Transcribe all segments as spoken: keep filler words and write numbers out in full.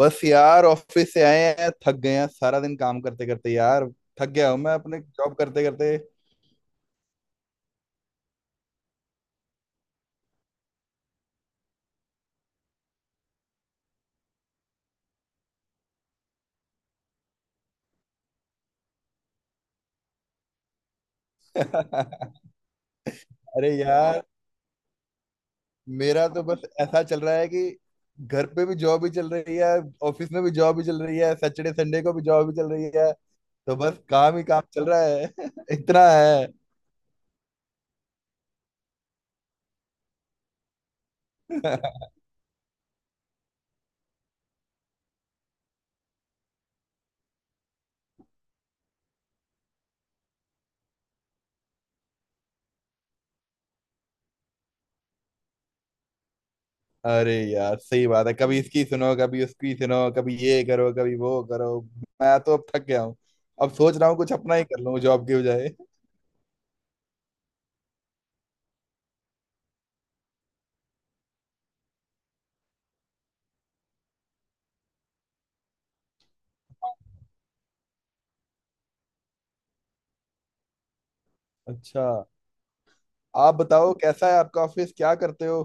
बस यार ऑफिस से आए हैं, थक गए हैं सारा दिन काम करते करते यार। थक गया हूं मैं अपने जॉब करते करते। अरे यार, मेरा तो बस ऐसा चल रहा है कि घर पे भी जॉब ही चल रही है, ऑफिस में भी जॉब ही चल रही है, सैटरडे संडे को भी जॉब ही चल रही है। तो बस काम ही काम चल रहा है। इतना है। अरे यार, सही बात है, कभी इसकी सुनो कभी उसकी सुनो, कभी ये करो कभी वो करो। मैं तो अब थक गया हूँ। अब सोच रहा हूँ कुछ अपना ही कर लूँ जॉब के बजाय। अच्छा। आप बताओ कैसा है आपका ऑफिस, क्या करते हो?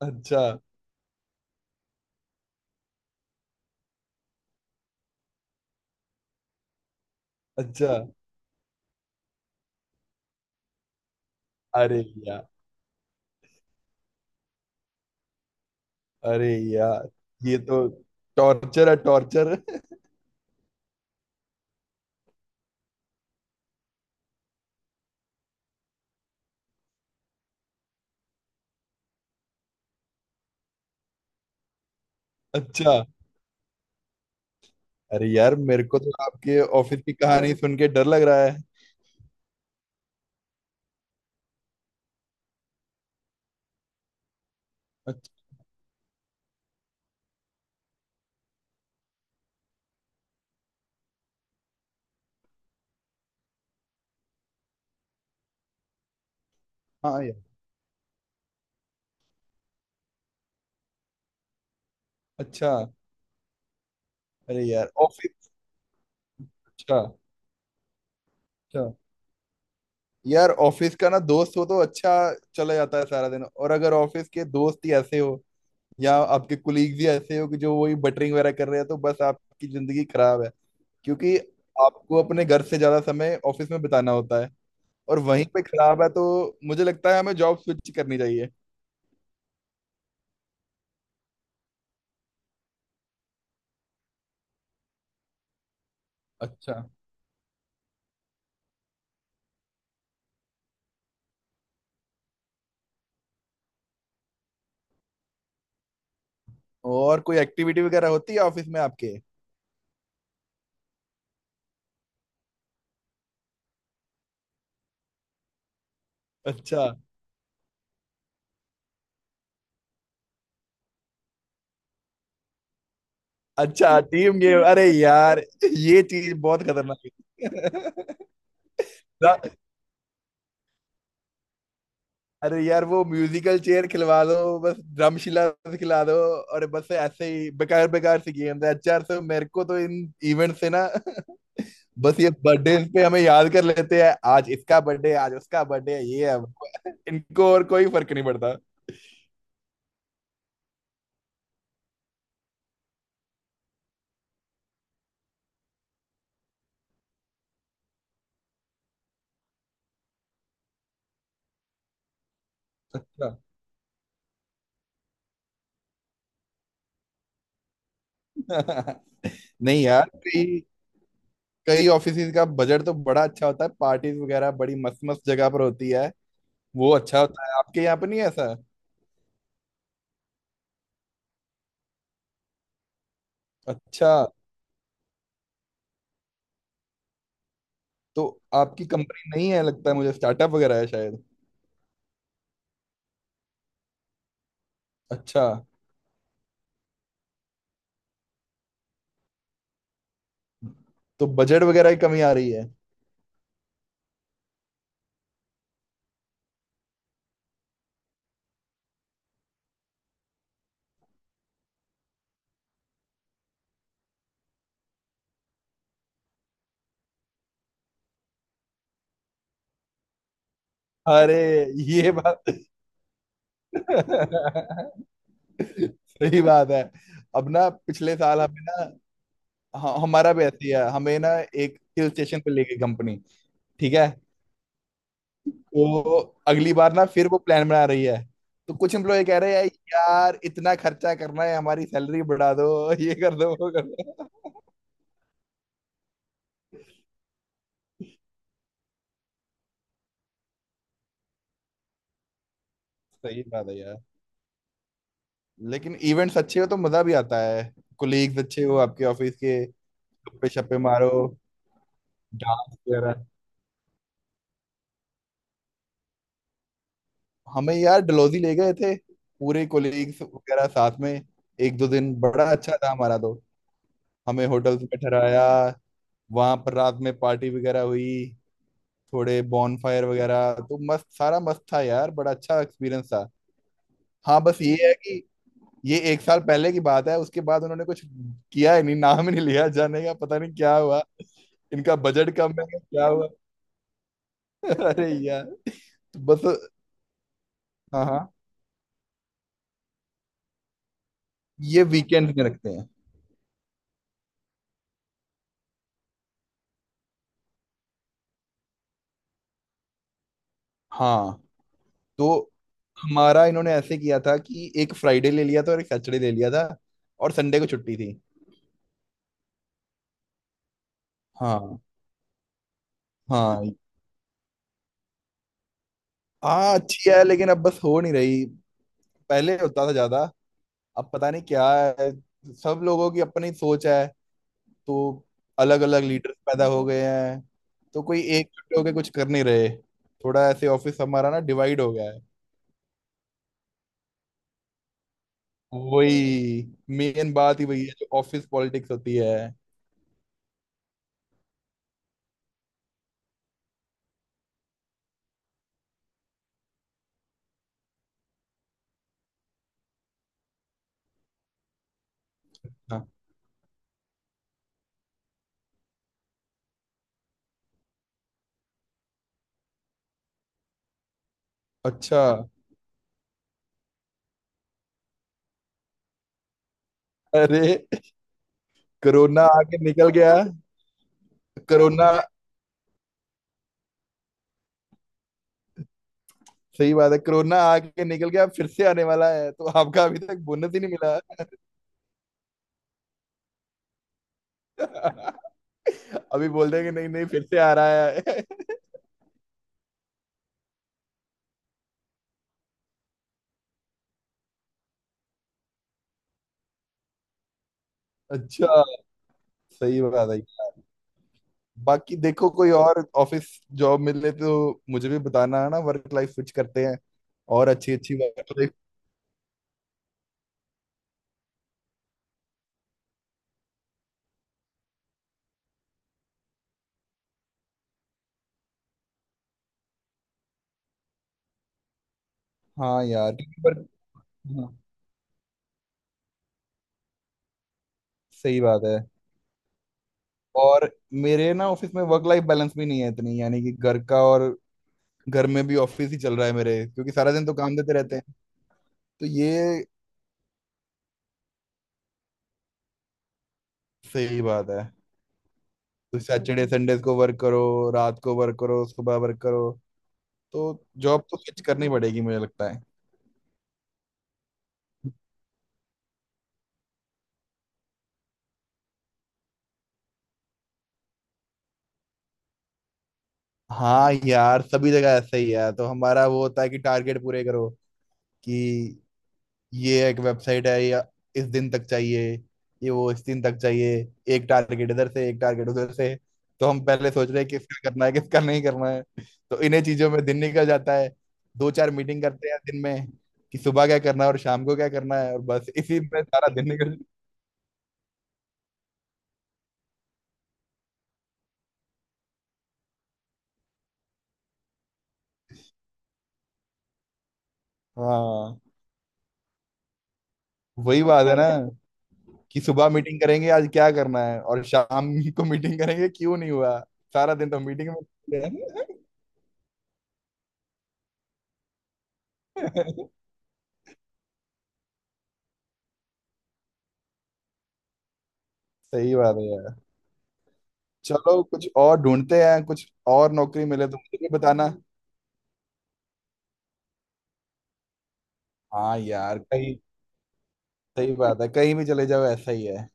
अच्छा। अच्छा। अरे यार। अरे यार, ये तो टॉर्चर है, टॉर्चर। अच्छा। अरे यार, मेरे को तो आपके ऑफिस की कहानी सुन के डर लग रहा है। अच्छा। हाँ यार। अच्छा। अरे यार ऑफिस। अच्छा। अच्छा यार, ऑफिस का ना दोस्त हो तो अच्छा चला जाता है सारा दिन। और अगर ऑफिस के दोस्त ही ऐसे हो, या आपके कुलीग्स ही ऐसे हो कि जो वही बटरिंग वगैरह कर रहे हैं, तो बस आपकी जिंदगी खराब है। क्योंकि आपको अपने घर से ज्यादा समय ऑफिस में बिताना होता है। और वहीं पे खराब है तो मुझे लगता है हमें जॉब स्विच करनी चाहिए। अच्छा। और कोई एक्टिविटी वगैरह होती है ऑफिस में आपके? अच्छा। अच्छा टीम गेम, अरे यार, ये चीज बहुत खतरनाक है। रा- अरे यार, वो म्यूजिकल चेयर खिलवा दो, बस ड्रमशिला खिला दो, और बस ऐसे ही बेकार बेकार सी गेम है। अच्छा यार सर, मेरे को तो इन इवेंट से ना। बस ये बर्थडे पे हमें याद कर लेते हैं, आज इसका बर्थडे है, आज उसका बर्थडे है, ये है वो है। इनको और कोई फर्क नहीं पड़ता। अच्छा। नहीं यार, कई कई ऑफिस का बजट तो बड़ा अच्छा होता है, पार्टीज वगैरह बड़ी मस्त मस्त जगह पर होती है। वो अच्छा होता है। आपके यहाँ पर नहीं है ऐसा? अच्छा। तो आपकी कंपनी नहीं है लगता है मुझे, स्टार्टअप वगैरह है शायद। अच्छा। तो बजट वगैरह की कमी आ रही है? अरे ये बात। सही बात है। अब ना पिछले साल हमें ना, ह- हमारा भी ऐसी है, हमें ना एक हिल स्टेशन पे ले गई कंपनी। ठीक है। तो अगली बार ना फिर वो प्लान बना रही है। तो कुछ एम्प्लॉय कह रहे हैं यार, इतना खर्चा करना है हमारी सैलरी बढ़ा दो, ये कर दो वो कर दो। सही बात है यार। लेकिन इवेंट्स अच्छे हो तो मजा भी आता है। कोलीग्स अच्छे हो आपके ऑफिस के, गप्पे शप्पे मारो, डांस वगैरह। हमें यार डलोजी ले गए थे, पूरे कोलीग्स वगैरह साथ में। एक दो दिन बड़ा अच्छा था हमारा तो। हमें होटल्स में ठहराया, वहां पर रात में पार्टी वगैरह हुई, थोड़े बॉनफायर वगैरह, तो मस्त, सारा मस्त था यार, बड़ा अच्छा एक्सपीरियंस था। हाँ, बस ये है कि ये एक साल पहले की बात है, उसके बाद उन्होंने कुछ किया ही नहीं, नाम ही नहीं लिया जाने का, पता नहीं क्या हुआ। इनका बजट कम है क्या हुआ। अरे यार तो बस। हाँ हाँ। ये वीकेंड में रखते हैं। हाँ। तो हमारा इन्होंने ऐसे किया था कि एक फ्राइडे ले लिया था और एक सैटरडे ले लिया था, और संडे को छुट्टी थी। हाँ। हाँ। हाँ, अच्छी है, लेकिन अब बस हो नहीं रही। पहले होता था ज्यादा। अब पता नहीं क्या है। सब लोगों की अपनी सोच है। तो अलग अलग लीडर्स पैदा हो गए हैं। तो कोई एक जुट होके कुछ कर नहीं रहे। थोड़ा ऐसे ऑफिस हमारा ना डिवाइड हो गया है। वही, मेन बात ही वही है, जो ऑफिस पॉलिटिक्स होती है। हाँ। अच्छा। अरे कोरोना आके निकल गया। कोरोना। सही बात है, कोरोना आके निकल गया, फिर से आने वाला है, तो आपका अभी तक बोनस ही नहीं मिला। अभी बोल देंगे नहीं नहीं, फिर से आ रहा है। अच्छा। सही बात है। बाकी देखो कोई और ऑफिस, जॉब मिले तो मुझे भी बताना है ना, वर्क लाइफ स्विच करते हैं। और अच्छी अच्छी वर्क लाइफ। हाँ यार क्योंकि work- हाँ, सही बात है। और मेरे ना ऑफिस में वर्क लाइफ बैलेंस भी नहीं है इतनी, यानी कि घर का और घर में भी ऑफिस ही चल रहा है मेरे, क्योंकि सारा दिन तो काम देते रहते हैं। तो ये सही बात है। तो सैटरडे संडे को वर्क करो, रात को वर्क करो, सुबह वर्क करो। तो जॉब तो स्विच करनी पड़ेगी मुझे लगता है। हाँ यार, सभी जगह ऐसा ही है। तो हमारा वो होता है कि टारगेट पूरे करो, कि ये एक वेबसाइट है या इस दिन तक चाहिए, ये वो इस दिन तक चाहिए, एक टारगेट इधर से एक टारगेट उधर से, तो हम पहले सोच रहे हैं किसका करना है किसका नहीं करना है। तो इन्हीं चीजों में दिन निकल जाता है। दो चार मीटिंग करते हैं दिन में, कि सुबह क्या करना है और शाम को क्या करना है, और बस इसी में सारा दिन निकल। हाँ वही बात है ना, कि सुबह मीटिंग करेंगे आज क्या करना है और शाम को मीटिंग करेंगे क्यों नहीं हुआ। सारा दिन तो मीटिंग में। सही बात है यार। चलो कुछ और ढूंढते हैं, कुछ और नौकरी मिले तो मुझे भी बताना। हाँ यार कहीं, सही बात है कहीं भी चले जाओ ऐसा ही है।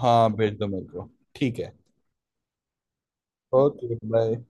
हाँ भेज दो मेरे को। ठीक है। Okay bye.